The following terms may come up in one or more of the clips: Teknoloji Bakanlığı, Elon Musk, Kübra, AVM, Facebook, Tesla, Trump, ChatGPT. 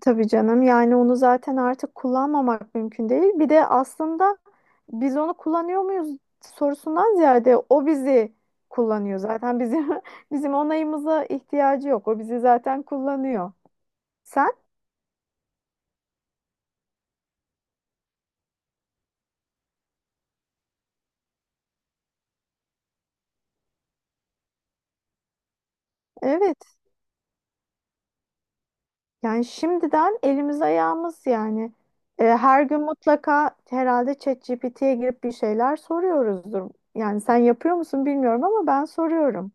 Tabii canım yani onu zaten artık kullanmamak mümkün değil. Bir de aslında biz onu kullanıyor muyuz sorusundan ziyade o bizi kullanıyor. Zaten bizim bizim onayımıza ihtiyacı yok. O bizi zaten kullanıyor. Sen? Evet. Yani şimdiden elimiz ayağımız yani. Her gün mutlaka herhalde ChatGPT'ye girip bir şeyler soruyoruzdur. Yani sen yapıyor musun bilmiyorum ama ben soruyorum.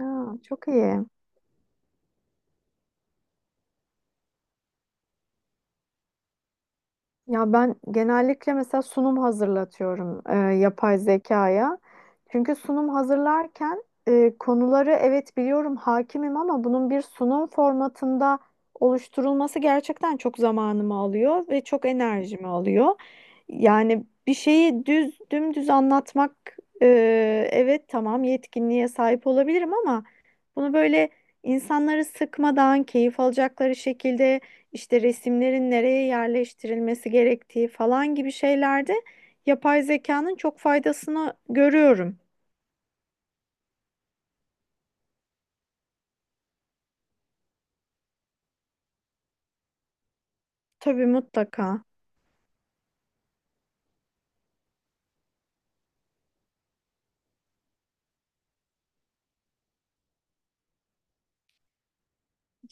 Aa, çok iyi. Ya ben genellikle mesela sunum hazırlatıyorum yapay zekaya. Çünkü sunum hazırlarken konuları evet biliyorum hakimim ama bunun bir sunum formatında oluşturulması gerçekten çok zamanımı alıyor ve çok enerjimi alıyor. Yani bir şeyi düz dümdüz anlatmak e, evet tamam yetkinliğe sahip olabilirim ama bunu böyle insanları sıkmadan keyif alacakları şekilde işte resimlerin nereye yerleştirilmesi gerektiği falan gibi şeylerde yapay zekanın çok faydasını görüyorum. Tabii mutlaka.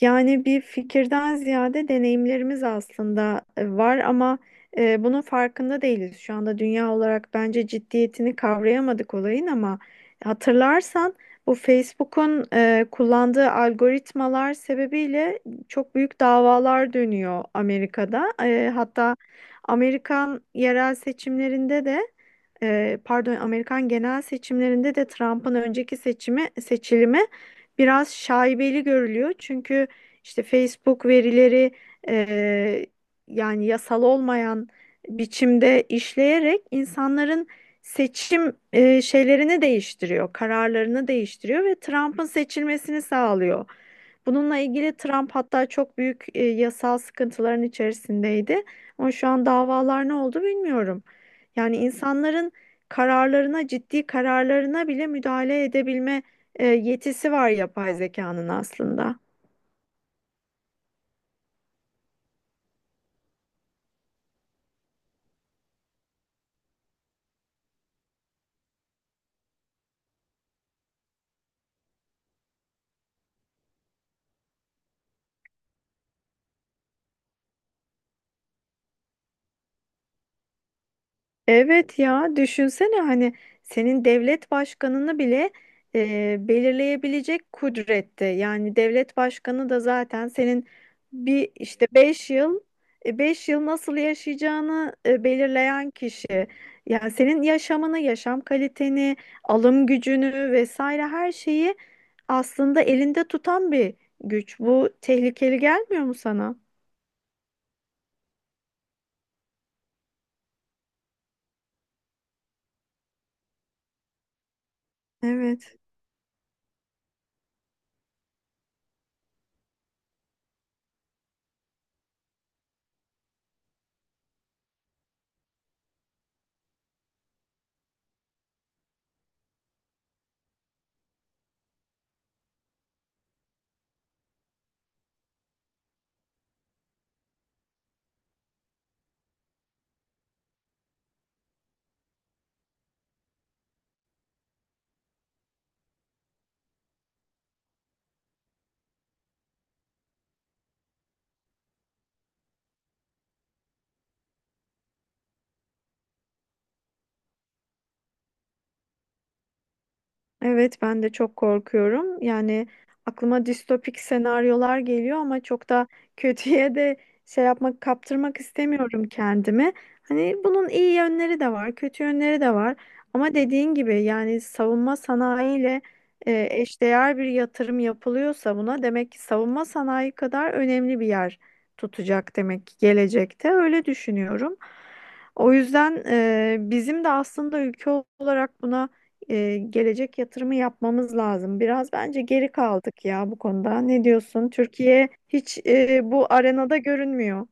Yani bir fikirden ziyade deneyimlerimiz aslında var ama bunun farkında değiliz. Şu anda dünya olarak bence ciddiyetini kavrayamadık olayın ama hatırlarsan bu Facebook'un kullandığı algoritmalar sebebiyle çok büyük davalar dönüyor Amerika'da. Hatta Amerikan yerel seçimlerinde de pardon Amerikan genel seçimlerinde de Trump'ın önceki seçimi seçilimi biraz şaibeli görülüyor. Çünkü işte Facebook verileri e, yani yasal olmayan biçimde işleyerek insanların seçim şeylerini değiştiriyor, kararlarını değiştiriyor ve Trump'ın seçilmesini sağlıyor. Bununla ilgili Trump hatta çok büyük yasal sıkıntıların içerisindeydi. Ama şu an davalar ne oldu bilmiyorum. Yani insanların kararlarına, ciddi kararlarına bile müdahale edebilme yetisi var yapay zekanın aslında. Evet ya düşünsene hani senin devlet başkanını bile belirleyebilecek kudrette. Yani devlet başkanı da zaten senin bir işte beş yıl nasıl yaşayacağını belirleyen kişi. Yani senin yaşamını, yaşam kaliteni, alım gücünü vesaire her şeyi aslında elinde tutan bir güç. Bu tehlikeli gelmiyor mu sana? Evet. Evet, ben de çok korkuyorum. Yani aklıma distopik senaryolar geliyor ama çok da kötüye de şey yapmak, kaptırmak istemiyorum kendimi. Hani bunun iyi yönleri de var, kötü yönleri de var. Ama dediğin gibi yani savunma sanayiyle eşdeğer bir yatırım yapılıyorsa buna demek ki savunma sanayi kadar önemli bir yer tutacak demek ki gelecekte. Öyle düşünüyorum. O yüzden bizim de aslında ülke olarak buna gelecek yatırımı yapmamız lazım. Biraz bence geri kaldık ya bu konuda. Ne diyorsun? Türkiye hiç bu arenada görünmüyor.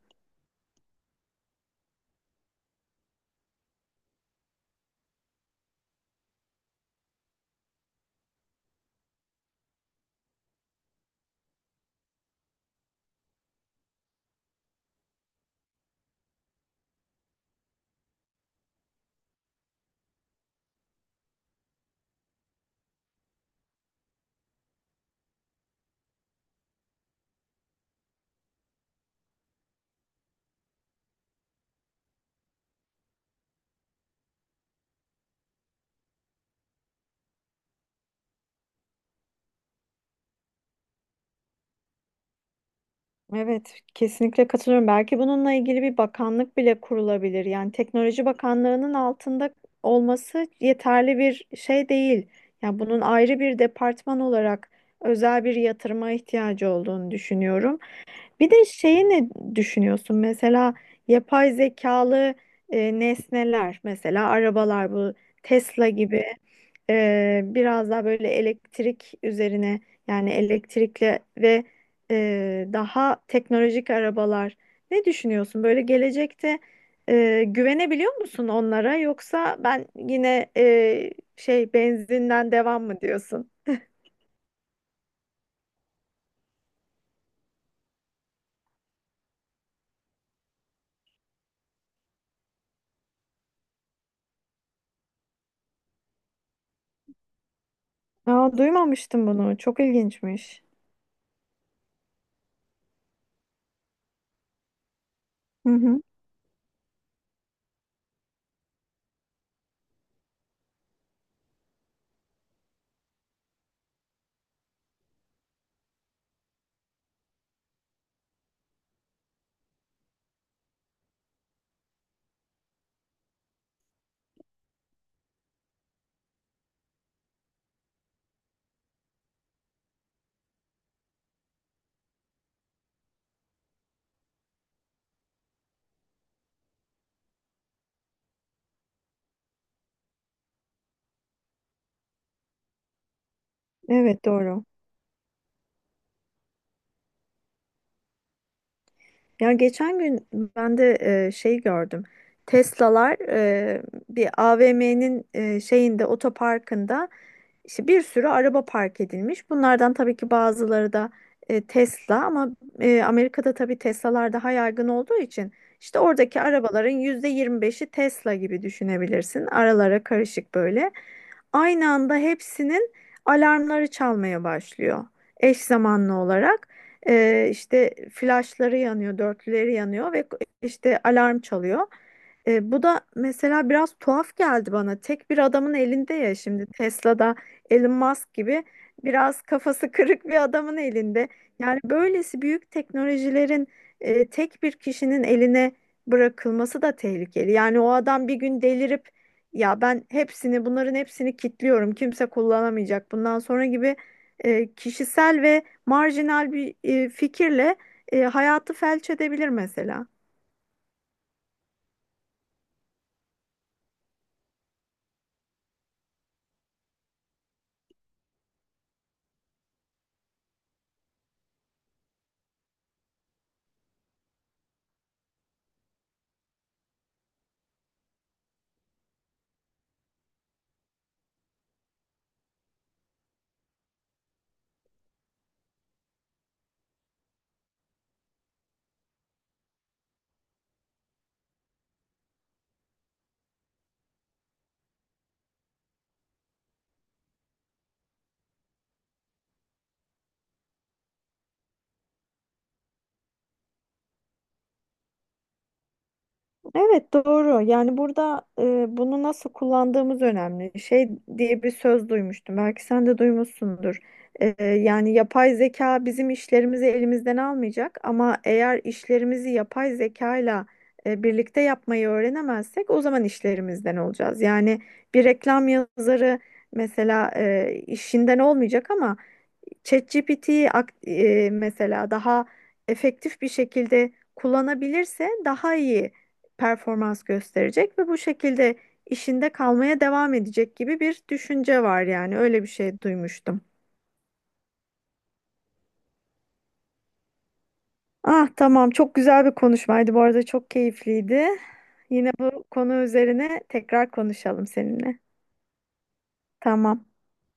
Evet, kesinlikle katılıyorum. Belki bununla ilgili bir bakanlık bile kurulabilir. Yani Teknoloji Bakanlığı'nın altında olması yeterli bir şey değil. Yani bunun ayrı bir departman olarak özel bir yatırıma ihtiyacı olduğunu düşünüyorum. Bir de şeyi ne düşünüyorsun? Mesela yapay zekalı nesneler, mesela arabalar bu Tesla gibi biraz daha böyle elektrik üzerine yani elektrikli ve daha teknolojik arabalar. Ne düşünüyorsun? Böyle gelecekte güvenebiliyor musun onlara yoksa ben yine şey benzinden devam mı diyorsun? Aa, duymamıştım bunu. Çok ilginçmiş. Hı hı. Evet doğru. Ya geçen gün ben de şey gördüm. Tesla'lar bir AVM'nin şeyinde otoparkında İşte bir sürü araba park edilmiş. Bunlardan tabii ki bazıları da Tesla ama Amerika'da tabii Tesla'lar daha yaygın olduğu için işte oradaki arabaların %25'i Tesla gibi düşünebilirsin. Aralara karışık böyle. Aynı anda hepsinin alarmları çalmaya başlıyor. Eş zamanlı olarak işte flaşları yanıyor, dörtlüleri yanıyor ve işte alarm çalıyor. Bu da mesela biraz tuhaf geldi bana. Tek bir adamın elinde ya şimdi Tesla'da Elon Musk gibi biraz kafası kırık bir adamın elinde. Yani böylesi büyük teknolojilerin tek bir kişinin eline bırakılması da tehlikeli. Yani o adam bir gün delirip ya ben hepsini bunların hepsini kilitliyorum kimse kullanamayacak bundan sonra gibi kişisel ve marjinal bir fikirle hayatı felç edebilir mesela. Evet doğru. Yani burada bunu nasıl kullandığımız önemli. Şey diye bir söz duymuştum. Belki sen de duymuşsundur. Yani yapay zeka bizim işlerimizi elimizden almayacak ama eğer işlerimizi yapay zekayla birlikte yapmayı öğrenemezsek o zaman işlerimizden olacağız. Yani bir reklam yazarı mesela işinden olmayacak ama mesela daha efektif bir şekilde kullanabilirse daha iyi performans gösterecek ve bu şekilde işinde kalmaya devam edecek gibi bir düşünce var yani öyle bir şey duymuştum. Ah tamam çok güzel bir konuşmaydı bu arada çok keyifliydi. Yine bu konu üzerine tekrar konuşalım seninle. Tamam.